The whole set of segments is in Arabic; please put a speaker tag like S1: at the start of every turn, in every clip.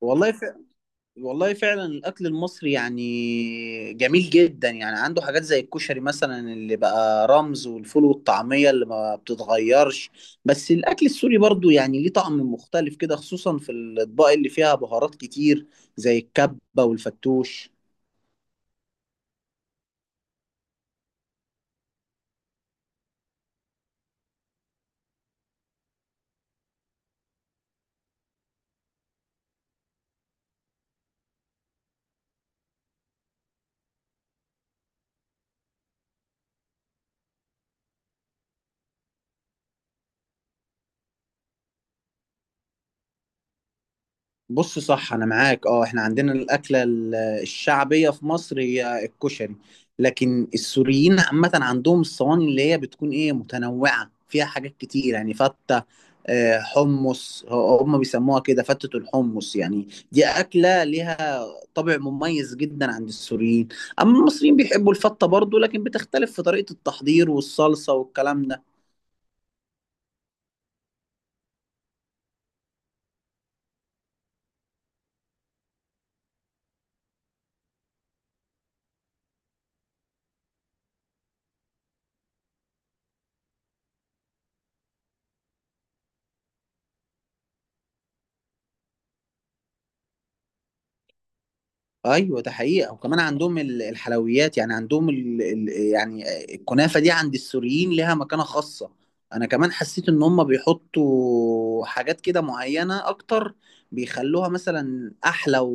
S1: والله ف... والله فعلا الاكل المصري يعني جميل جدا، يعني عنده حاجات زي الكشري مثلا اللي بقى رمز، والفول والطعميه اللي ما بتتغيرش. بس الاكل السوري برضو يعني ليه طعم مختلف كده، خصوصا في الاطباق اللي فيها بهارات كتير زي الكبه والفتوش. بص صح، انا معاك. اه احنا عندنا الاكله الشعبيه في مصر هي الكشري، لكن السوريين عامه عندهم الصواني اللي هي بتكون ايه متنوعه فيها حاجات كتير يعني فته. حمص هم بيسموها كده فتة الحمص. يعني دي أكلة ليها طابع مميز جدا عند السوريين. أما المصريين بيحبوا الفتة برضو، لكن بتختلف في طريقة التحضير والصلصة والكلام ده. ايوه ده حقيقه. وكمان عندهم الحلويات، يعني عندهم يعني الكنافه دي عند السوريين لها مكانه خاصه. انا كمان حسيت ان هم بيحطوا حاجات كده معينه اكتر، بيخلوها مثلا احلى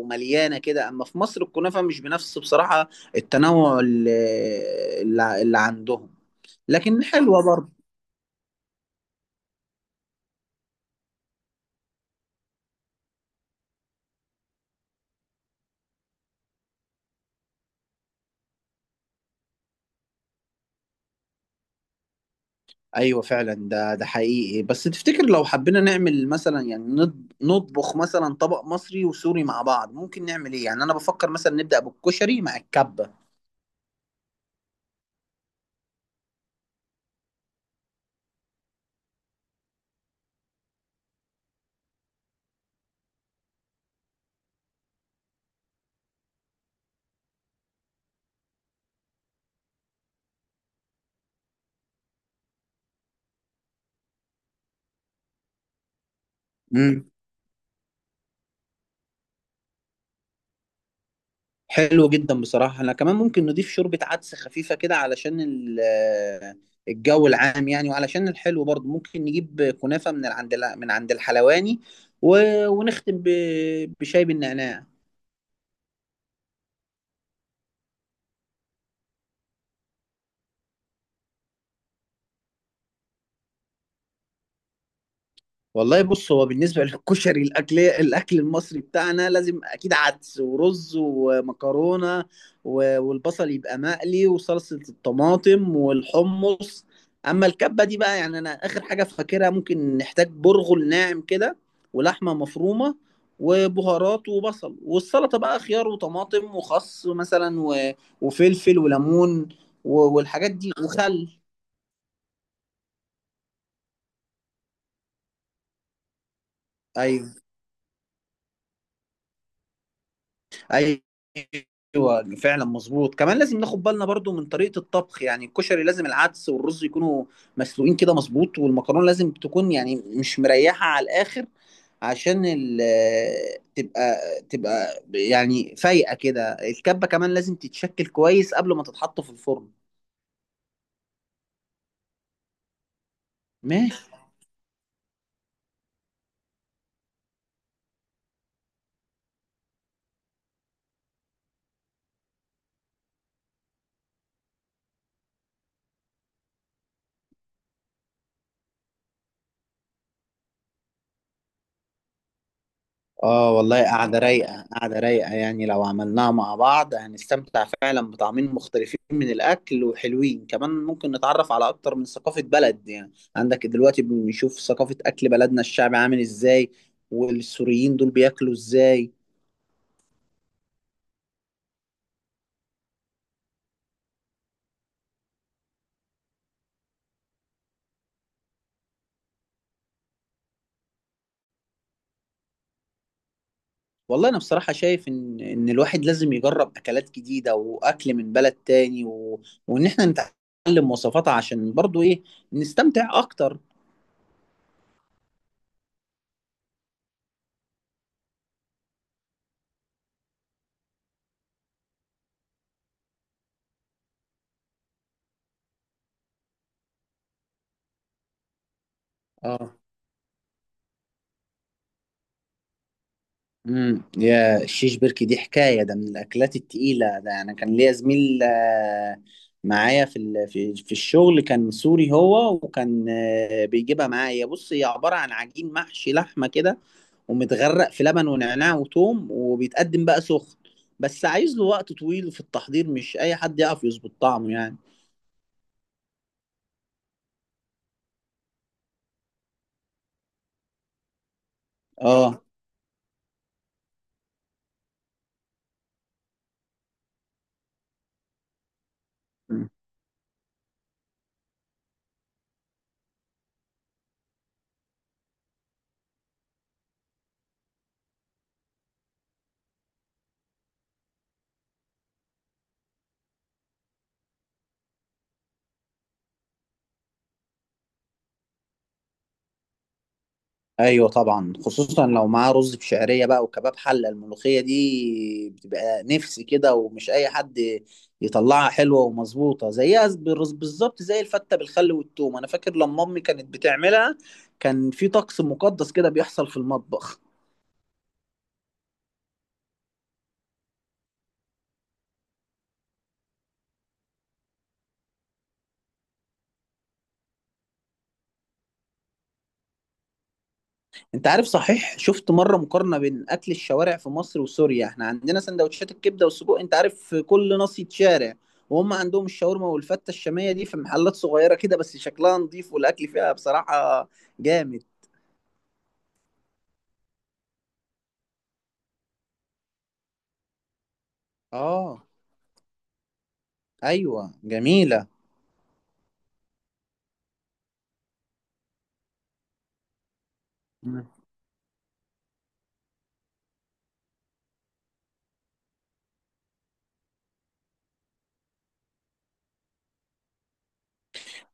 S1: ومليانه كده. اما في مصر الكنافه مش بنفس بصراحه التنوع اللي عندهم، لكن حلوه برضه. ايوه فعلا، ده حقيقي. بس تفتكر لو حبينا نعمل مثلا يعني نطبخ مثلا طبق مصري وسوري مع بعض، ممكن نعمل ايه؟ يعني انا بفكر مثلا نبدأ بالكشري مع الكبة. امم، حلو جدا بصراحة. انا كمان ممكن نضيف شوربة عدس خفيفة كده علشان الجو العام يعني، وعلشان الحلو برضه ممكن نجيب كنافة من عند الحلواني، ونختم بشاي بالنعناع. والله بص، هو بالنسبة للكشري، الأكل المصري بتاعنا لازم أكيد عدس ورز ومكرونة، والبصل يبقى مقلي وصلصة الطماطم والحمص. أما الكبة دي بقى، يعني أنا آخر حاجة فاكرها، ممكن نحتاج برغل ناعم كده ولحمة مفرومة وبهارات وبصل. والسلطة بقى خيار وطماطم وخس مثلا وفلفل وليمون والحاجات دي وخل. أيوه، ايوه فعلا مظبوط. كمان لازم ناخد بالنا برضو من طريقه الطبخ، يعني الكشري لازم العدس والرز يكونوا مسلوقين كده مظبوط، والمكرونه لازم تكون يعني مش مريحه على الاخر، عشان تبقى تبقى يعني فايقه كده. الكبه كمان لازم تتشكل كويس قبل ما تتحط في الفرن. اه والله قاعدة رايقة، قاعدة رايقة. يعني لو عملناها مع بعض هنستمتع فعلا بطعمين مختلفين من الأكل وحلوين، كمان ممكن نتعرف على أكتر من ثقافة بلد. يعني عندك دلوقتي بنشوف ثقافة أكل بلدنا، الشعب عامل إزاي، والسوريين دول بياكلوا إزاي. والله أنا بصراحة شايف إن الواحد لازم يجرب أكلات جديدة وأكل من بلد تاني وإن إحنا نتعلم وصفاتها عشان برضو إيه، نستمتع أكتر. اه. يا الشيش بركي دي حكايه، ده من الاكلات التقيله. ده انا كان ليا زميل معايا في ال- في في الشغل كان سوري هو، وكان بيجيبها معايا. بص هي عباره عن عجين محشي لحمه كده، ومتغرق في لبن ونعناع وتوم، وبيتقدم بقى سخن. بس عايز له وقت طويل في التحضير، مش اي حد يعرف يظبط طعمه يعني. اه ايوه طبعا، خصوصا لو معاه رز بشعريه بقى وكباب حله، الملوخيه دي بتبقى نفس كده، ومش اي حد يطلعها حلوه ومظبوطه زيها. بالظبط زي الفته بالخل والثوم. انا فاكر لما امي كانت بتعملها كان في طقس مقدس كده بيحصل في المطبخ. انت عارف، صحيح شفت مره مقارنه بين اكل الشوارع في مصر وسوريا؟ احنا عندنا سندوتشات الكبده والسجق، انت عارف، في كل ناصيه شارع، وهم عندهم الشاورما والفته الشاميه دي في محلات صغيره كده، بس شكلها نظيف والاكل فيها بصراحه جامد. اه ايوه جميله. مم.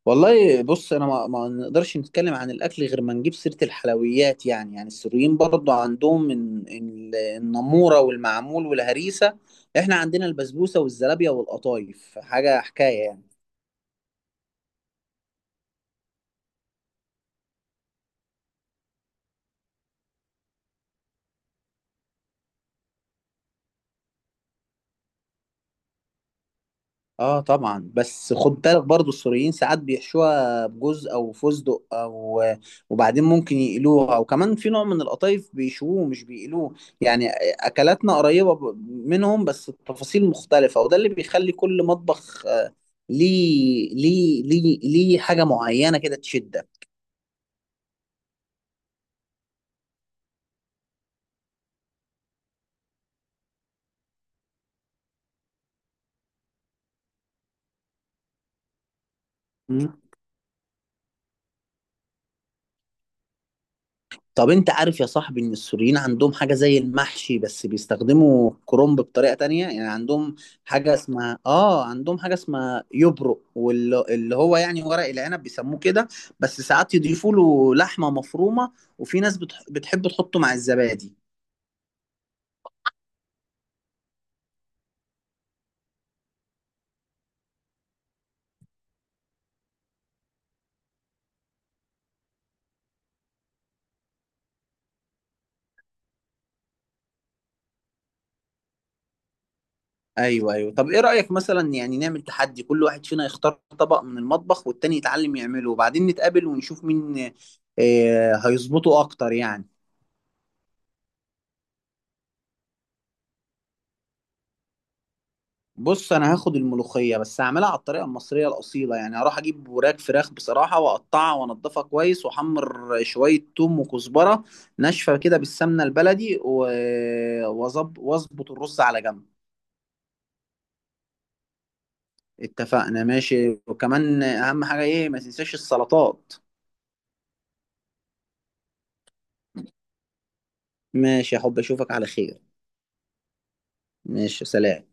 S1: والله بص، انا ما نقدرش نتكلم عن الاكل غير ما نجيب سيره الحلويات. يعني السوريين برضو عندهم النموره والمعمول والهريسه، احنا عندنا البسبوسه والزلابيه والقطايف، حاجه حكايه يعني. اه طبعا، بس خد بالك برضو السوريين ساعات بيحشوها بجوز او فستق او، وبعدين ممكن يقلوها، وكمان في نوع من القطايف بيشووه مش بيقلوه يعني. اكلاتنا قريبة منهم بس التفاصيل مختلفة، وده اللي بيخلي كل مطبخ ليه حاجة معينة كده تشدك. طب انت عارف يا صاحبي ان السوريين عندهم حاجة زي المحشي بس بيستخدموا كرنب بطريقة تانية؟ يعني عندهم حاجة اسمها يبرق، واللي هو يعني ورق العنب بيسموه كده. بس ساعات يضيفوا له لحمة مفرومة، وفي ناس بتحب تحطه مع الزبادي. ايوه ايوه، طب ايه رأيك مثلا يعني نعمل تحدي؟ كل واحد فينا يختار طبق من المطبخ والتاني يتعلم يعمله وبعدين نتقابل ونشوف مين هيظبطه اكتر يعني. بص انا هاخد الملوخيه، بس هعملها على الطريقه المصريه الاصيله يعني. هروح اجيب وراك فراخ بصراحه واقطعها وانضفها كويس، واحمر شويه توم وكزبره ناشفه كده بالسمنه البلدي واظبط الرز على جنب. اتفقنا ماشي. وكمان اهم حاجه، ايه؟ ما تنساش السلطات. ماشي يا حب، اشوفك على خير. ماشي، سلام.